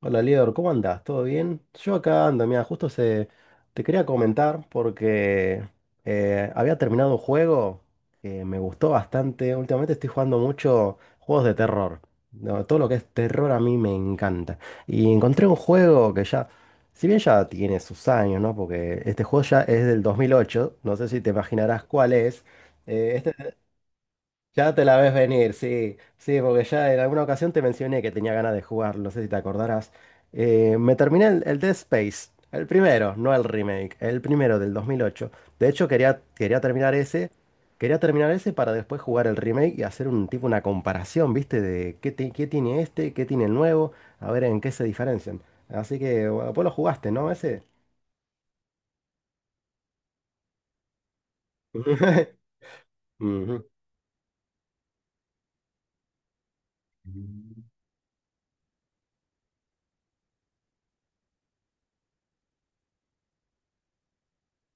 Hola, Lior, ¿cómo andás? ¿Todo bien? Yo acá ando, mira, justo te quería comentar porque había terminado un juego que me gustó bastante. Últimamente estoy jugando mucho juegos de terror. No, todo lo que es terror a mí me encanta. Y encontré un juego que ya, si bien ya tiene sus años, ¿no? Porque este juego ya es del 2008, no sé si te imaginarás cuál es. Eh, ya te la ves venir, sí, sí, porque ya en alguna ocasión te mencioné que tenía ganas de jugar, no sé si te acordarás. Me terminé el Dead Space, el primero, no el remake, el primero del 2008. De hecho, quería terminar ese para después jugar el remake y hacer un tipo una comparación, ¿viste? Qué tiene este, qué tiene el nuevo, a ver en qué se diferencian. Así que, bueno, vos lo jugaste, ¿no? Ese. Ujú,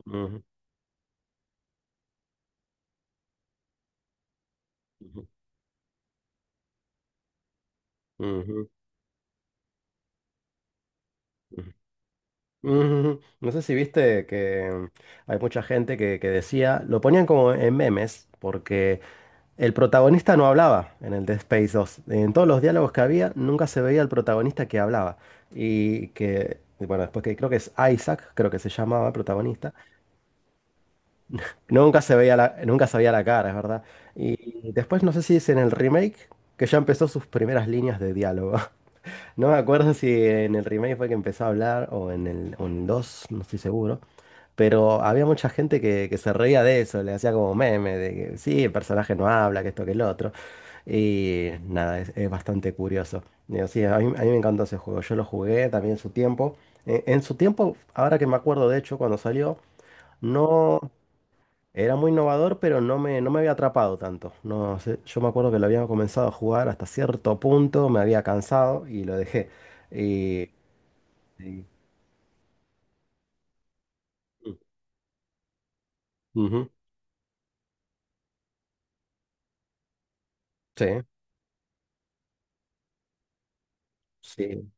ujú, ujú, ujú, ujú. Ujú. No sé si viste que hay mucha gente que decía, lo ponían como en memes, porque el protagonista no hablaba en el Dead Space 2. En todos los diálogos que había, nunca se veía el protagonista que hablaba. Y bueno, después que creo que es Isaac, creo que se llamaba el protagonista, nunca se veía la cara, es verdad. Y después no sé si es en el remake que ya empezó sus primeras líneas de diálogo. No me acuerdo si en el remake fue que empezó a hablar o en el 2, no estoy seguro. Pero había mucha gente que se reía de eso, le hacía como meme, de que sí, el personaje no habla, que esto, que el otro. Y nada, es bastante curioso. Digo, sí, a mí, me encantó ese juego, yo lo jugué también en su tiempo. En su tiempo, ahora que me acuerdo, de hecho, cuando salió, no era muy innovador, pero no me había atrapado tanto. No sé, yo me acuerdo que lo había comenzado a jugar hasta cierto punto, me había cansado y lo dejé. Y, y- Ujú. Sí, sí.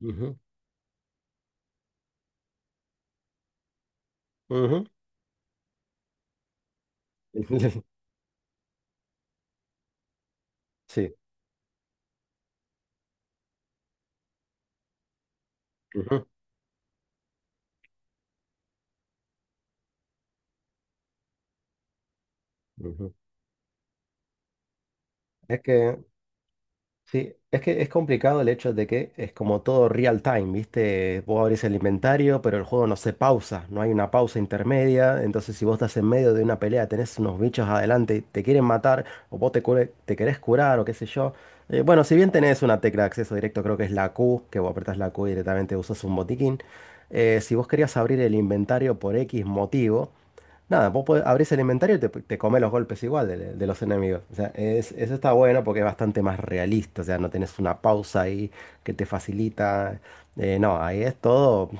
Ujú, ujú. Sí. Ujú, ujú. Es que, sí, es que es complicado el hecho de que es como todo real time, ¿viste? Vos abrís el inventario, pero el juego no se pausa, no hay una pausa intermedia. Entonces, si vos estás en medio de una pelea, tenés unos bichos adelante y te quieren matar, o vos te querés curar, o qué sé yo. Bueno, si bien tenés una tecla de acceso directo, creo que es la Q, que vos apretás la Q y directamente usas un botiquín. Si vos querías abrir el inventario por X motivo. Nada, vos abrís el inventario y te comés los golpes igual de los enemigos. O sea, eso está bueno porque es bastante más realista. O sea, no tenés una pausa ahí que te facilita. No, ahí es todo.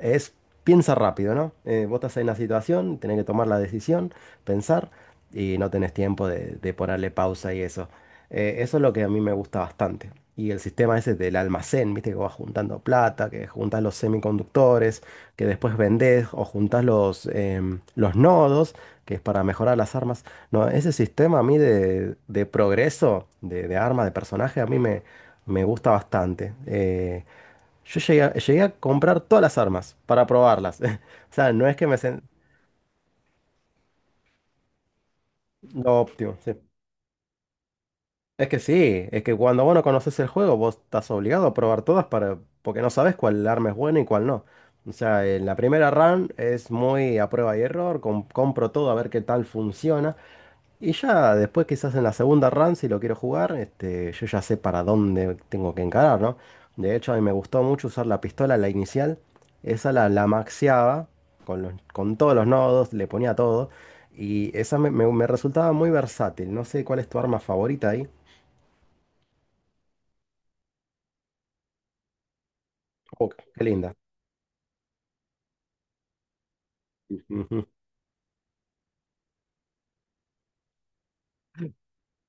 Es piensa rápido, ¿no? Vos estás en una situación, tenés que tomar la decisión, pensar y no tenés tiempo de ponerle pausa y eso. Eso es lo que a mí me gusta bastante. Y el sistema ese del almacén, viste, que vas juntando plata, que juntas los semiconductores, que después vendés o juntas los nodos, que es para mejorar las armas. No, ese sistema a mí de progreso, de arma, de personaje, a mí me gusta bastante. Yo llegué a comprar todas las armas para probarlas. O sea, no es que me... sen- Lo óptimo, sí. Es que sí, es que cuando vos no conoces el juego, vos estás obligado a probar todas para, porque no sabes cuál arma es buena y cuál no. O sea, en la primera run es muy a prueba y error, compro todo a ver qué tal funciona. Y ya después quizás en la segunda run, si lo quiero jugar, este, yo ya sé para dónde tengo que encarar, ¿no? De hecho, a mí me gustó mucho usar la pistola, la inicial. Esa la maxeaba con todos los nodos, le ponía todo. Y esa me resultaba muy versátil. No sé cuál es tu arma favorita ahí. Uh, Qué linda. Ujú.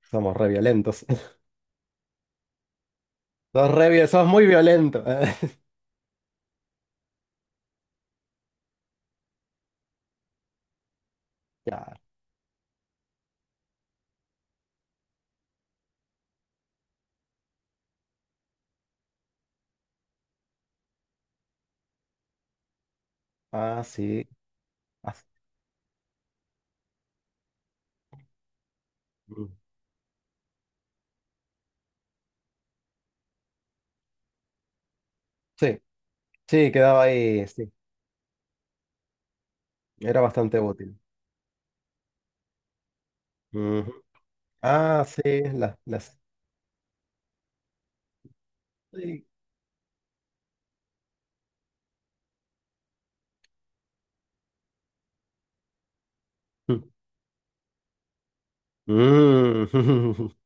Somos re violentos. Sos muy violento. Ya. Ah, sí. Ah, sí. Mm. Sí, sí, quedaba ahí. Sí. Era bastante útil. Ujú. Ah, sí. Las, las. Sí. Mm. Mm.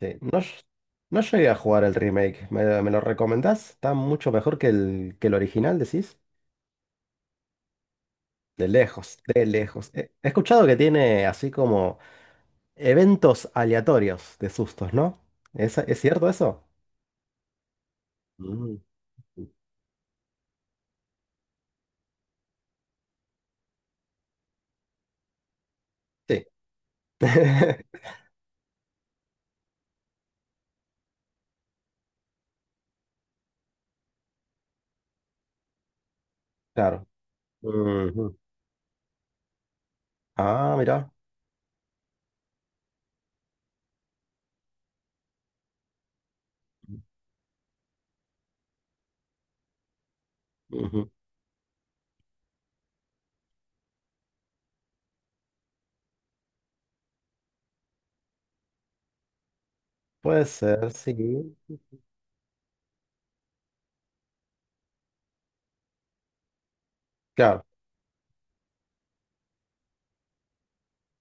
Sí. No, no llegué a jugar el remake. ¿Me lo recomendás? Está mucho mejor que el original, decís. De lejos, de lejos. He escuchado que tiene así como. Eventos aleatorios de sustos, ¿no? ¿Es cierto eso? Mm. Sí. Claro. Ujú. Ah, mira. Ujú. Puede ser, sí. Claro.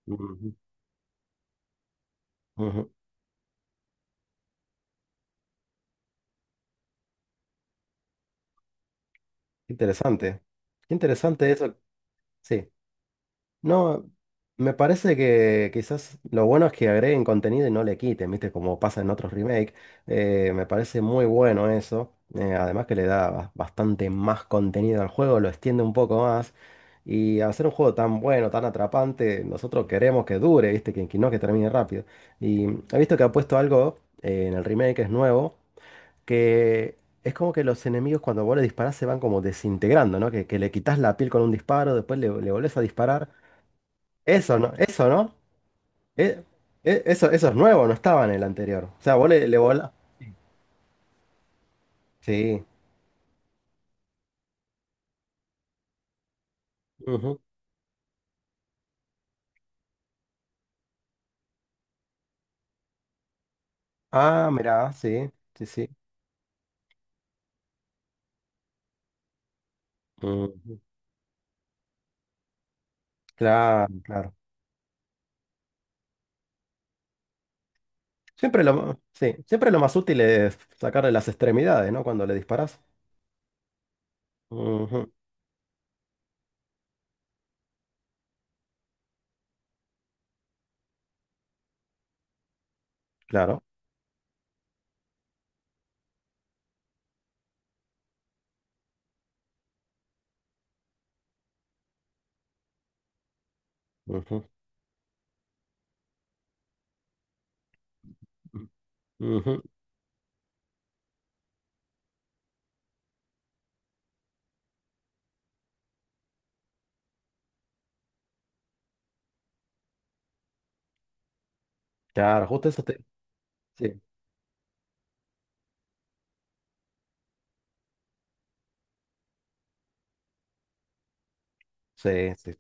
Ujú. Ujú. Interesante. Interesante eso. Sí. No, me parece que quizás lo bueno es que agreguen contenido y no le quiten, ¿viste? Como pasa en otros remakes. Me parece muy bueno eso. Además que le da bastante más contenido al juego, lo extiende un poco más. Y al ser un juego tan bueno, tan atrapante, nosotros queremos que dure, ¿viste? Que no que termine rápido. Y he visto que ha puesto algo en el remake, que es nuevo, que es como que los enemigos cuando vos le disparás se van como desintegrando, ¿no? Que le quitas la piel con un disparo, después le volvés a disparar. Eso no, eso no. Eh, eso es nuevo, no estaba en el anterior. O sea, vos Sí. Ujú. Ah, mirá, sí, sí, sí. Ujú. Claro, claro. Sí, siempre lo más útil es sacarle las extremidades, ¿no? Cuando le disparas. Ujú. Claro. Ujú, ujú. Claro, justo eso te. Sí, sí, sí.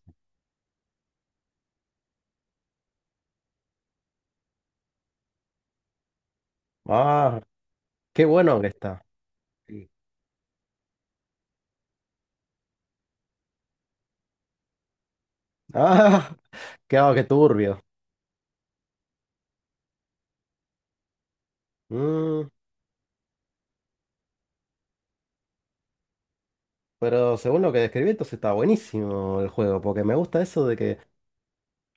Ah, qué bueno que está. Sí. Ah, qué turbio. Mm, Pero según lo que describí, entonces está buenísimo el juego, porque me gusta eso de que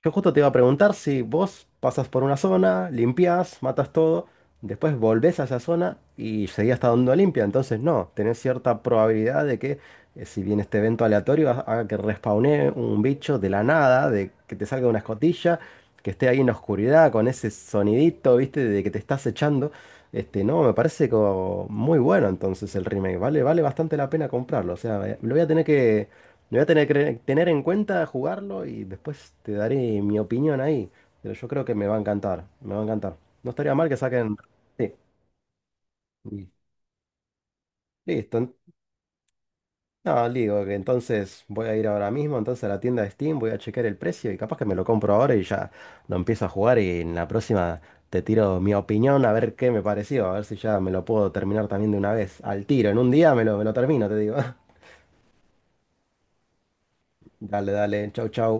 yo justo te iba a preguntar si vos pasas por una zona, limpias, matas todo, después volvés a esa zona y seguías estando donde limpia. Entonces, no, tenés cierta probabilidad de que si viene este evento aleatorio, haga que respawnee un bicho de la nada, de que te salga una escotilla, que esté ahí en la oscuridad con ese sonidito, ¿viste? De que te estás echando. Este, no, me parece como muy bueno entonces el remake. Vale, vale bastante la pena comprarlo. O sea, lo voy a tener que tener en cuenta, jugarlo y después te daré mi opinión ahí. Pero yo creo que me va a encantar, me va a encantar. No estaría mal que saquen... Sí, y listo. No, digo que entonces voy a ir ahora mismo, entonces a la tienda de Steam, voy a chequear el precio y capaz que me lo compro ahora y ya lo empiezo a jugar y en la próxima te tiro mi opinión a ver qué me pareció, a ver si ya me lo puedo terminar también de una vez, al tiro, en un día me lo termino, te digo. Dale, dale, chau, chau.